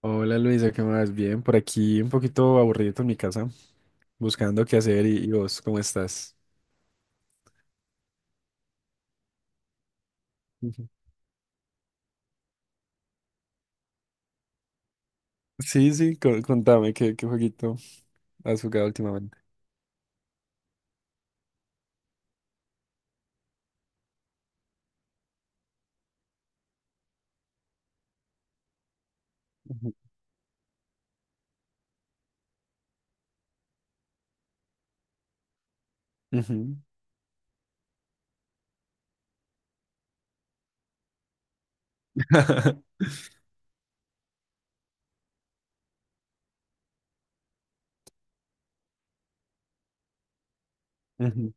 Hola Luisa, ¿qué más? Bien, por aquí un poquito aburrido en mi casa, buscando qué hacer y vos, ¿cómo estás? Ujú. Sí, sí, contame qué, qué jueguito has jugado últimamente. Ujú. Ujú. Ujú.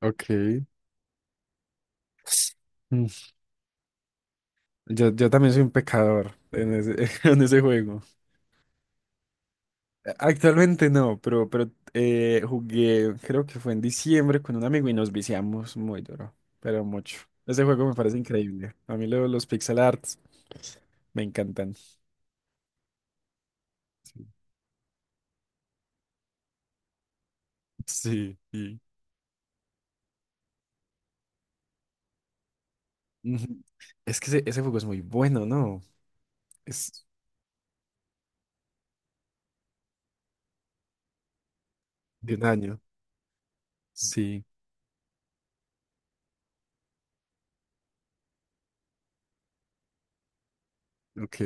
Ok. Mm. Yo también soy un pecador en ese, en ese juego. Actualmente no, pero jugué, creo que fue en diciembre con un amigo y nos viciamos muy duro, pero mucho. Ese juego me parece increíble. A mí los pixel arts me encantan. Sí. Sí, sí. Ujú. Es que ese juego es muy bueno, ¿no? Es de un año. Sí. Ok.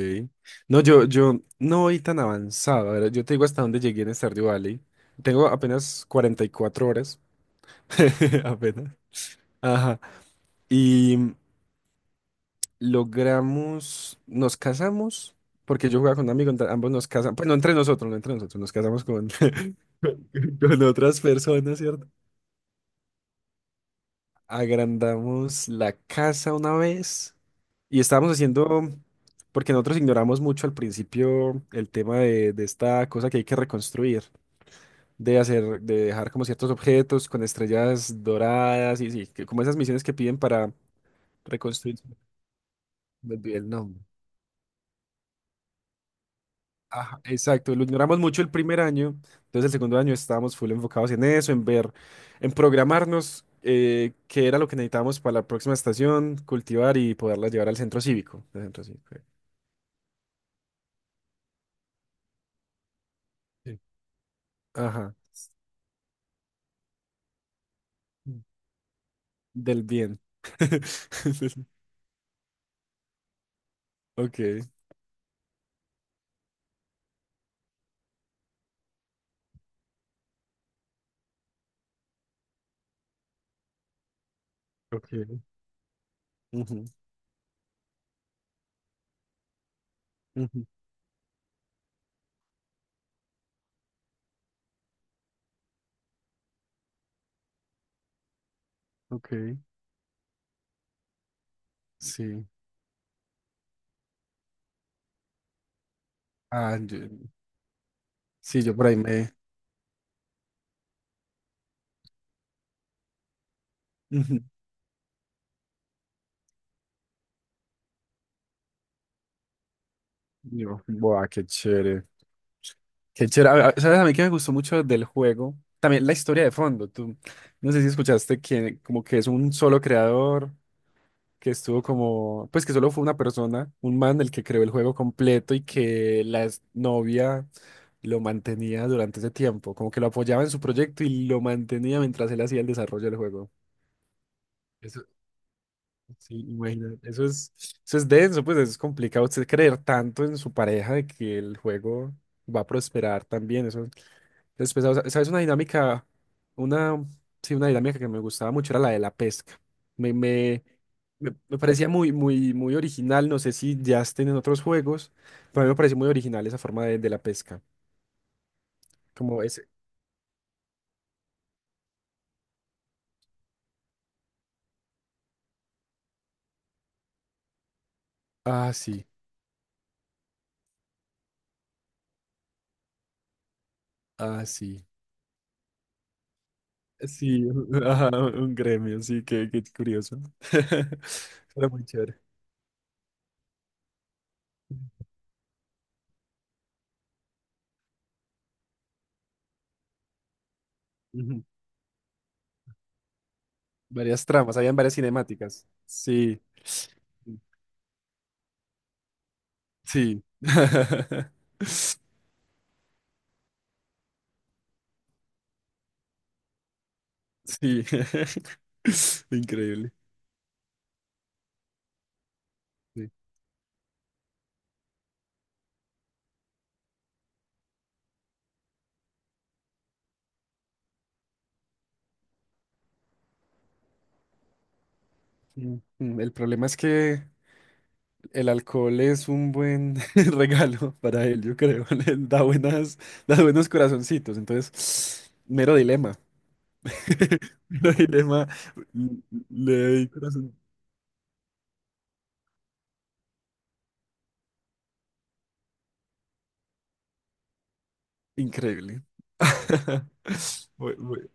No, yo no voy tan avanzado. A ver, yo te digo hasta dónde llegué en Stardew Valley. Tengo apenas 44 horas. Apenas. Ajá. Y logramos, nos casamos, porque yo jugaba con un amigo, ambos nos casamos, pues no entre nosotros, no entre nosotros, nos casamos con, con otras personas, ¿cierto? Agrandamos la casa una vez y estábamos haciendo, porque nosotros ignoramos mucho al principio el tema de esta cosa que hay que reconstruir, de hacer, de dejar como ciertos objetos con estrellas doradas y sí, que- como esas misiones que piden para reconstruir. Me olvidé el nombre. Ajá, exacto, lo ignoramos mucho el primer año, entonces el segundo año estábamos full enfocados en eso, en ver, en programarnos qué era lo que necesitábamos para la próxima estación, cultivar y poderla llevar al centro cívico. Al centro cívico. Sí. Ajá. Mm, del bien. Ok. Okay. Ujú. Ujú. Ok. Sí. Ah, yo- sí, yo por ahí me... ujú. Yo, buah, qué chévere. Qué chévere. ¿Sabes a mí que me gustó mucho del juego? También la historia de fondo. Tú, no sé si escuchaste que como que es un solo creador, que estuvo como, pues que solo fue una persona, un man el que creó el juego completo y que la novia lo mantenía durante ese tiempo, como que lo apoyaba en su proyecto y lo mantenía mientras él hacía el desarrollo del juego. Eso, sí, imagínate. Eso es denso, pues es complicado. Usted creer tanto en su pareja de que el juego va a prosperar también. Eso. Después, o sea, ¿sabes? Una dinámica, una, sí, una dinámica que me gustaba mucho era la de la pesca. Me, me, me parecía muy, muy, muy original. No sé si ya estén en otros juegos, pero a mí me pareció muy original esa forma de la pesca. Como ese. Ah, sí, ah, sí. Sí, ajá, un gremio, sí, qué curioso. Era muy chévere. Ujú. Varias tramas, habían varias cinemáticas. Sí, sí. Sí. Increíble. Sí. Mm, mm, el problema es que el alcohol es un buen regalo para él, yo creo. Da buenos corazoncitos. Entonces, mero dilema. Mero dilema. Mm. Le doy corazón. Increíble. Muy,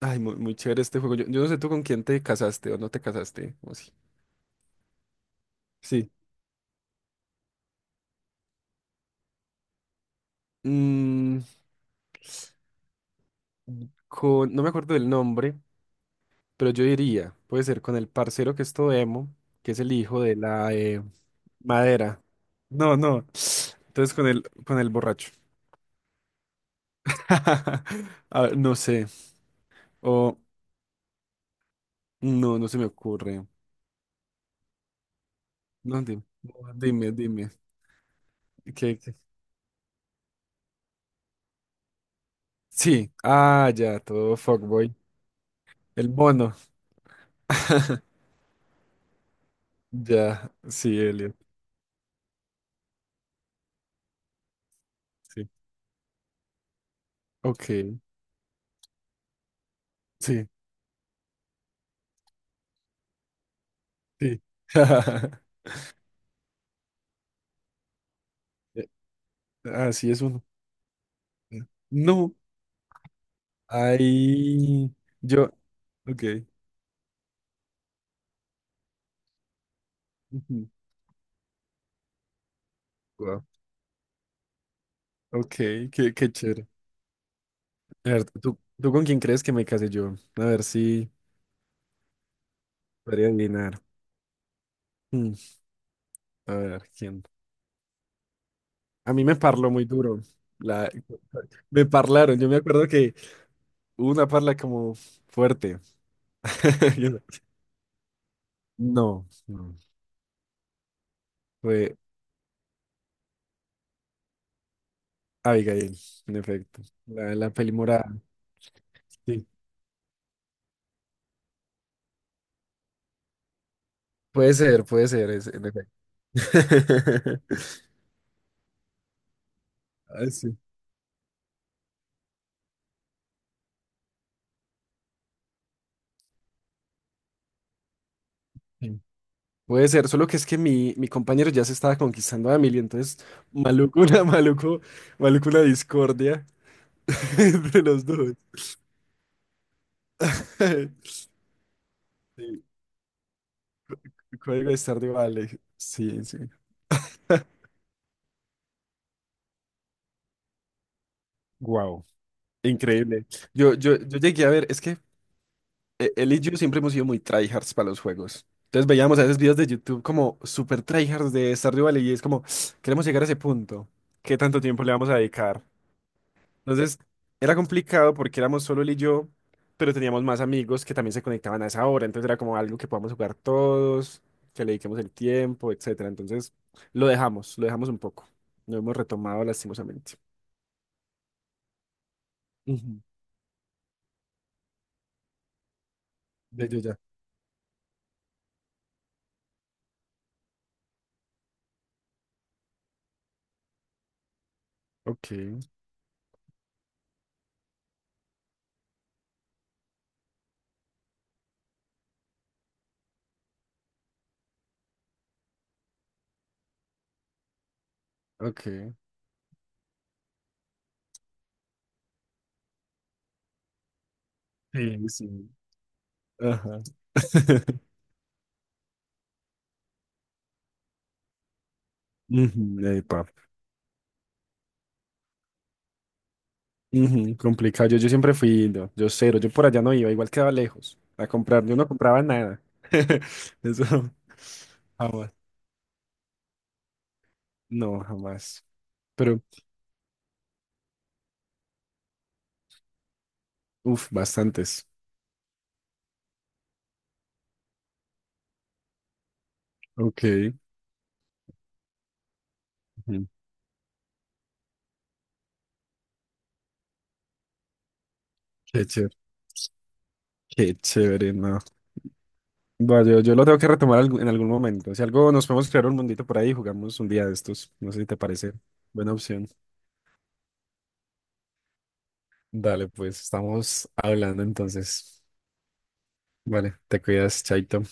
ay, muy, muy chévere este juego. Yo no sé tú con quién te casaste o no te casaste. O sí. Sí. Mm, con, no me acuerdo del nombre, pero yo diría, puede ser con el parcero que es todo emo, que es el hijo de la madera. No, no. Entonces con el borracho. A ver, no sé. O no, no se me ocurre. No, dime, no, dime, dime. ¿Qué? Sí. Ah, ya, todo fuckboy. El mono. Ya, sí, Elliot. Sí. Ok, sí, sí. Eh. Así es uno. No. Ahí. Yo. Ok. Ujú. Wow. Ok, qué, qué chévere. A ver, ¿tú con quién crees que me casé yo? A ver si podría adivinar. Mm, a ver, ¿quién? A mí me parló muy duro. La, me parlaron. Yo me acuerdo que hubo una parla como fuerte. Yo no, no. No. Fue Abigail, en efecto. La peli morada. Sí. Puede ser, en efecto. Ah, sí. Puede ser, solo que es que mi compañero ya se estaba conquistando a Emily, entonces maluco, maluco una discordia entre los dos. Sí. Código de Stardew Valley. Sí, sí. Wow. Increíble. Yo llegué a ver, es que él y yo siempre hemos sido muy tryhards para los juegos. Entonces veíamos a veces videos de YouTube como super tryhards de Stardew Valley y es como, queremos llegar a ese punto. ¿Qué tanto tiempo le vamos a dedicar? Entonces, era complicado porque éramos solo él y yo, pero teníamos más amigos que también se conectaban a esa hora. Entonces era como algo que podamos jugar todos, que le dediquemos el tiempo, etcétera. Entonces, lo dejamos un poco. Lo hemos retomado lastimosamente. Ujú. Ya, ya, ya. Ok, ok. Sí, sí. Ajá. Ujú, epa. Ujú, complicado. Yo siempre fui, no, yo cero, yo por allá no iba, igual quedaba lejos a comprar, yo no compraba nada. Eso, jamás. No, jamás. Pero, uff, bastantes. Ok. Ujú. Qué chévere. Qué chévere, no. Bueno, yo lo tengo que retomar en algún momento. Si algo nos podemos crear un mundito por ahí y jugamos un día de estos. No sé si te parece. Buena opción. Dale, pues estamos hablando entonces. Vale, te cuidas, Chaito.